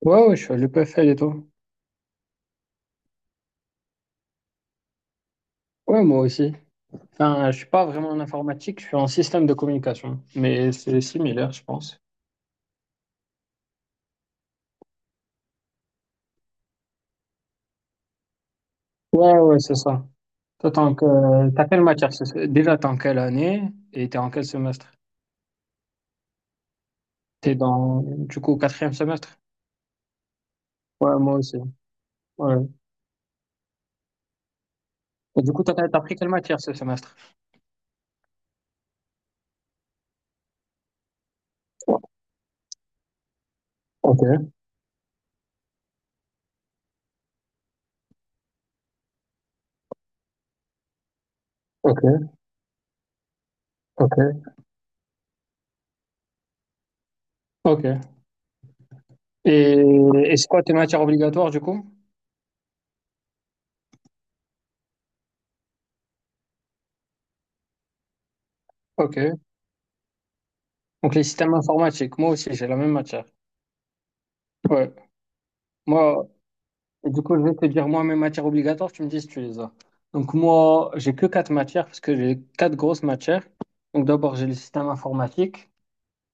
Ouais, ouais, je suis à l'EPFL et tout. Ouais, moi aussi. Enfin, je suis pas vraiment en informatique, je suis en système de communication. Mais c'est similaire, je pense. Ouais, ouais, c'est ça. Toi, t'as quelle matière? Déjà, t'es en quelle année et t'es en quel semestre? T'es dans, du coup, au quatrième semestre? Ouais, moi aussi. Ouais. Et du coup, t'as pris quelle matière ce semestre? Ok, ok, ok, ok. Et, et c'est quoi tes matières obligatoires, du coup? Ok. Donc, les systèmes informatiques, moi aussi, j'ai la même matière. Ouais. Moi, Et du coup, je vais te dire moi mes matières obligatoires, tu me dis si tu les as. Donc moi, j'ai que quatre matières parce que j'ai quatre grosses matières. Donc d'abord, j'ai le système informatique.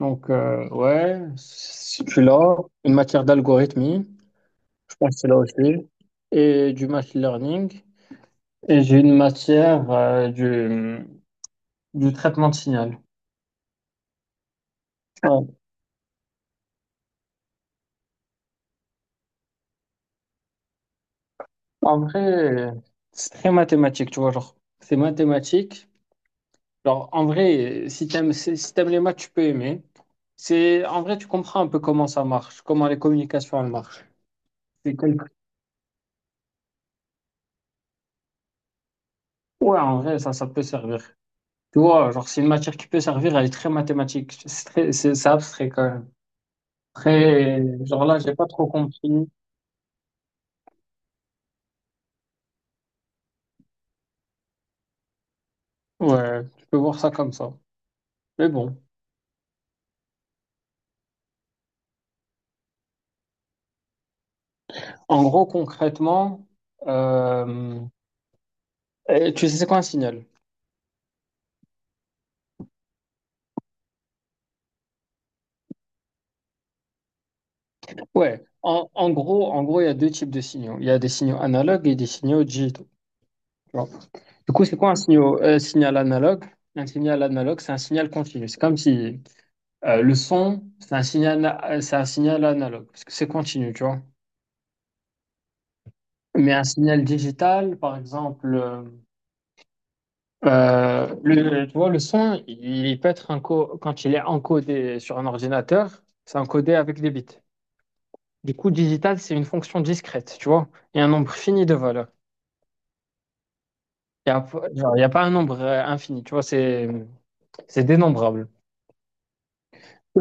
Donc ouais, si tu l'as, une matière d'algorithmie, je pense que c'est là aussi, et du machine learning. Et j'ai une matière du traitement de signal. Ouais. En vrai, c'est très mathématique, tu vois, genre, c'est mathématique. Alors, en vrai, si t'aimes les maths, tu peux aimer. C'est, en vrai, tu comprends un peu comment ça marche, comment les communications, elles marchent. C'est quelque- Ouais, en vrai, ça peut servir. Tu vois, genre, c'est une matière qui peut servir, elle est très mathématique. C'est abstrait quand même. Très, genre là, j'ai pas trop compris. Ouais, tu peux voir ça comme ça. Mais bon, en gros, concrètement, euh, tu sais, c'est quoi un signal? Ouais, en gros, il y a deux types de signaux. Il y a des signaux analogues et des signaux digitaux. Tu Du coup, c'est quoi un signal, signal analogue? Un signal analogue, c'est un signal continu. C'est comme si le son, c'est un signal analogue, parce que c'est continu, tu vois. Mais un signal digital, par exemple, tu vois, le son, il peut être enco- quand il est encodé sur un ordinateur, c'est encodé avec des bits. Du coup, digital, c'est une fonction discrète, tu vois. Il y a un nombre fini de valeurs. Il n'y a, genre, il y a pas un nombre infini, tu vois, c'est dénombrable.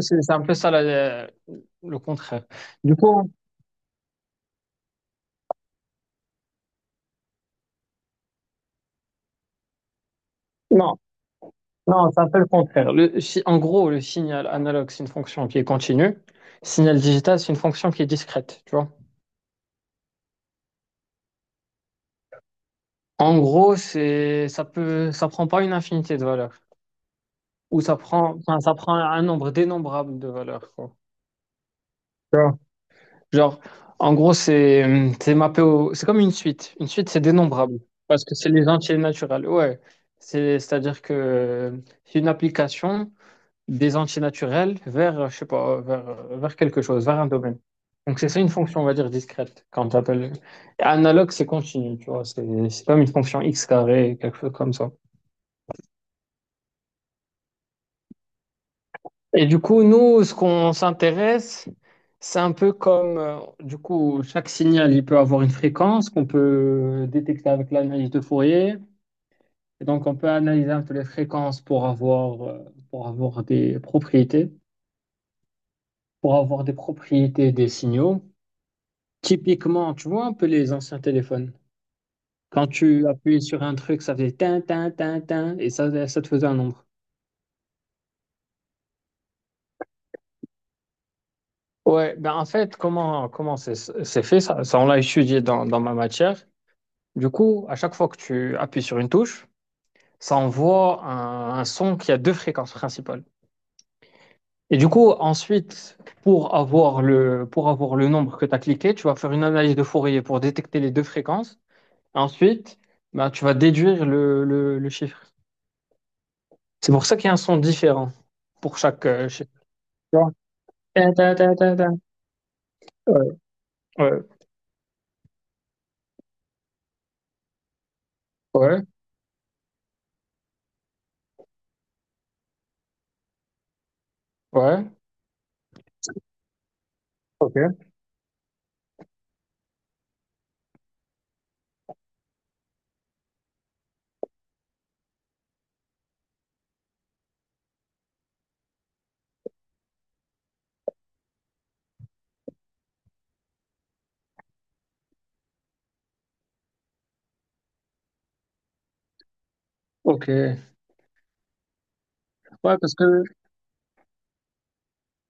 C'est un peu ça le contraire. Du coup, non, non, c'est un peu le contraire. Le, si- En gros, le signal analogue, c'est une fonction qui est continue. Signal digital, c'est une fonction qui est discrète, tu vois. En gros, ça prend pas une infinité de valeurs. Enfin, ça prend un nombre dénombrable de valeurs, quoi. Tu vois. Genre, en gros, c'est comme une suite. Une suite, c'est dénombrable. Parce que c'est les entiers naturels. Ouais. C'est-à-dire que c'est une application des antinaturels vers, je sais pas, vers quelque chose, vers un domaine. Donc, c'est ça une fonction, on va dire, discrète, quand tu appelles. Analogue, c'est continu, tu vois, c'est comme une fonction x carré, quelque chose comme ça. Et du coup, nous, ce qu'on s'intéresse, c'est un peu comme, chaque signal, il peut avoir une fréquence qu'on peut détecter avec l'analyse de Fourier. Et donc, on peut analyser un peu les fréquences pour avoir des propriétés, pour avoir des propriétés des signaux. Typiquement, tu vois un peu les anciens téléphones. Quand tu appuyais sur un truc, ça faisait tin, tin, tin, tin, et ça te faisait un nombre. Ouais, ben en fait, comment c'est fait ça, ça on l'a étudié dans ma matière. Du coup, à chaque fois que tu appuies sur une touche, ça envoie un son qui a deux fréquences principales. Et du coup, ensuite, pour avoir le nombre que tu as cliqué, tu vas faire une analyse de Fourier pour détecter les deux fréquences. Ensuite, ben, tu vas déduire le chiffre. C'est pour ça qu'il y a un son différent pour chaque chef. Genre, ta, ta, ta, ta, ta. Ouais, ouais, ouais, ouais. Ok. Ok. Ouais, parce que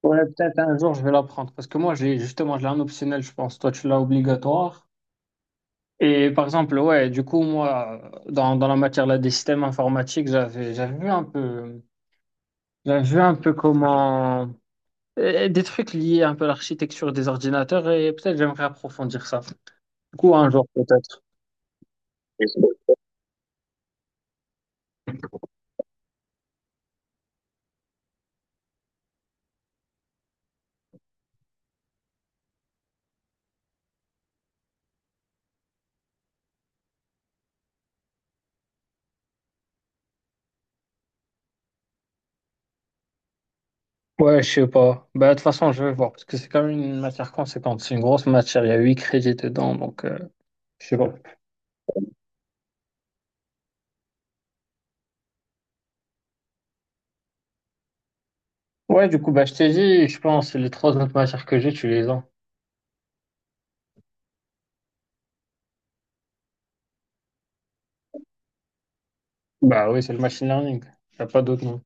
ouais, peut-être un jour je vais l'apprendre. Parce que moi, j'ai justement, je l'ai en optionnel, je pense. Toi, tu l'as obligatoire. Et par exemple, ouais, du coup, moi, dans la matière là, des systèmes informatiques, j'avais vu un peu comment des trucs liés un peu à l'architecture des ordinateurs et peut-être j'aimerais approfondir ça. Du coup, un jour peut-être. Ouais, je sais pas. Bah, de toute façon, je vais voir, parce que c'est quand même une matière conséquente. C'est une grosse matière, il y a 8 crédits dedans, donc je sais pas. Ouais, du coup, bah, je t'ai dit, je pense, les trois autres matières que j'ai, tu les as. Bah oui, c'est le machine learning. Il a pas d'autre nom.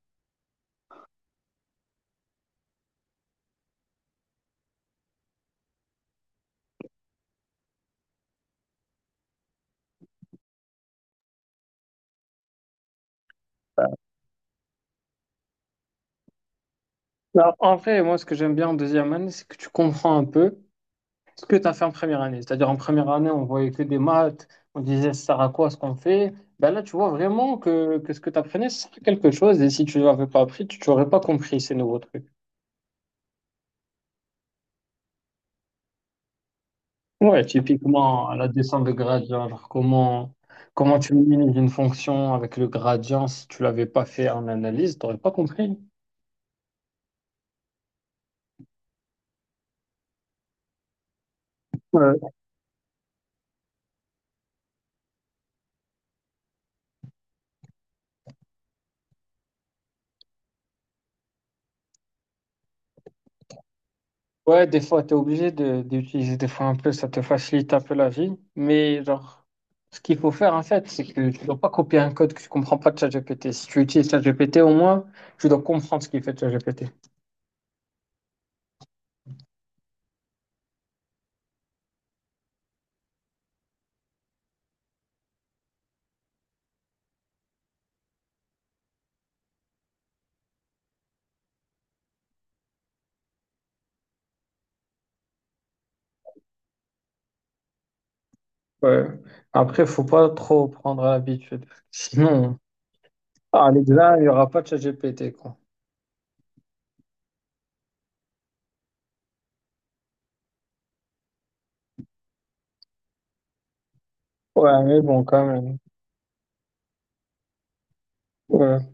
Bah, alors en vrai, moi, ce que j'aime bien en deuxième année, c'est que tu comprends un peu ce que tu as fait en première année. C'est-à-dire, en première année, on voyait que des maths, on disait ça sert à quoi ce qu'on fait. Bah là, tu vois vraiment que ce que tu apprenais, ça sert à quelque chose, et si tu l'avais pas appris, tu n'aurais pas compris ces nouveaux trucs. Ouais, typiquement, la descente de gradient, genre comment tu minimises une fonction avec le gradient si tu l'avais pas fait en analyse, t'aurais pas compris. Ouais, ouais, des fois, tu es obligé d'utiliser des fois un peu, ça te facilite un peu la vie. Mais genre, ce qu'il faut faire en fait, c'est que tu dois pas copier un code que tu comprends pas de ChatGPT. Si tu utilises ChatGPT, au moins, tu dois comprendre ce qu'il fait de ChatGPT. Ouais. Après, faut pas trop prendre à l'habitude. Sinon, à l'examen, il y aura pas de ChatGPT, quoi. Ouais, mais bon, quand même. Ouais,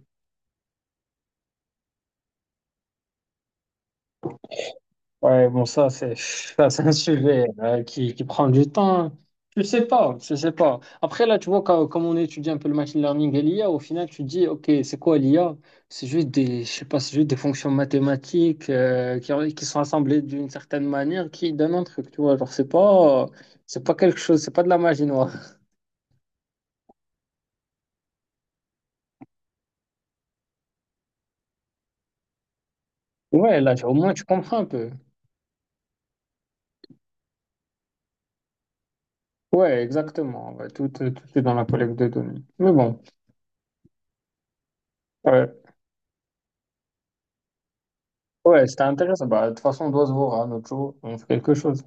ouais, bon, c'est ça, c'est un sujet qui prend du temps. Je sais pas, je sais pas. Après, là, tu vois, comme on étudie un peu le machine learning et l'IA, au final, tu dis, OK, c'est quoi l'IA? Je sais pas, c'est juste des fonctions mathématiques qui sont assemblées d'une certaine manière qui donnent un truc, tu vois. Genre, c'est pas quelque chose, c'est pas de la magie noire. Ouais, là, au moins, tu comprends un peu. Ouais, exactement. Ouais, tout est dans la collecte de données. Mais bon. Ouais. Ouais, c'était intéressant. Bah, de toute façon, on doit se voir hein, un jour. On fait quelque chose.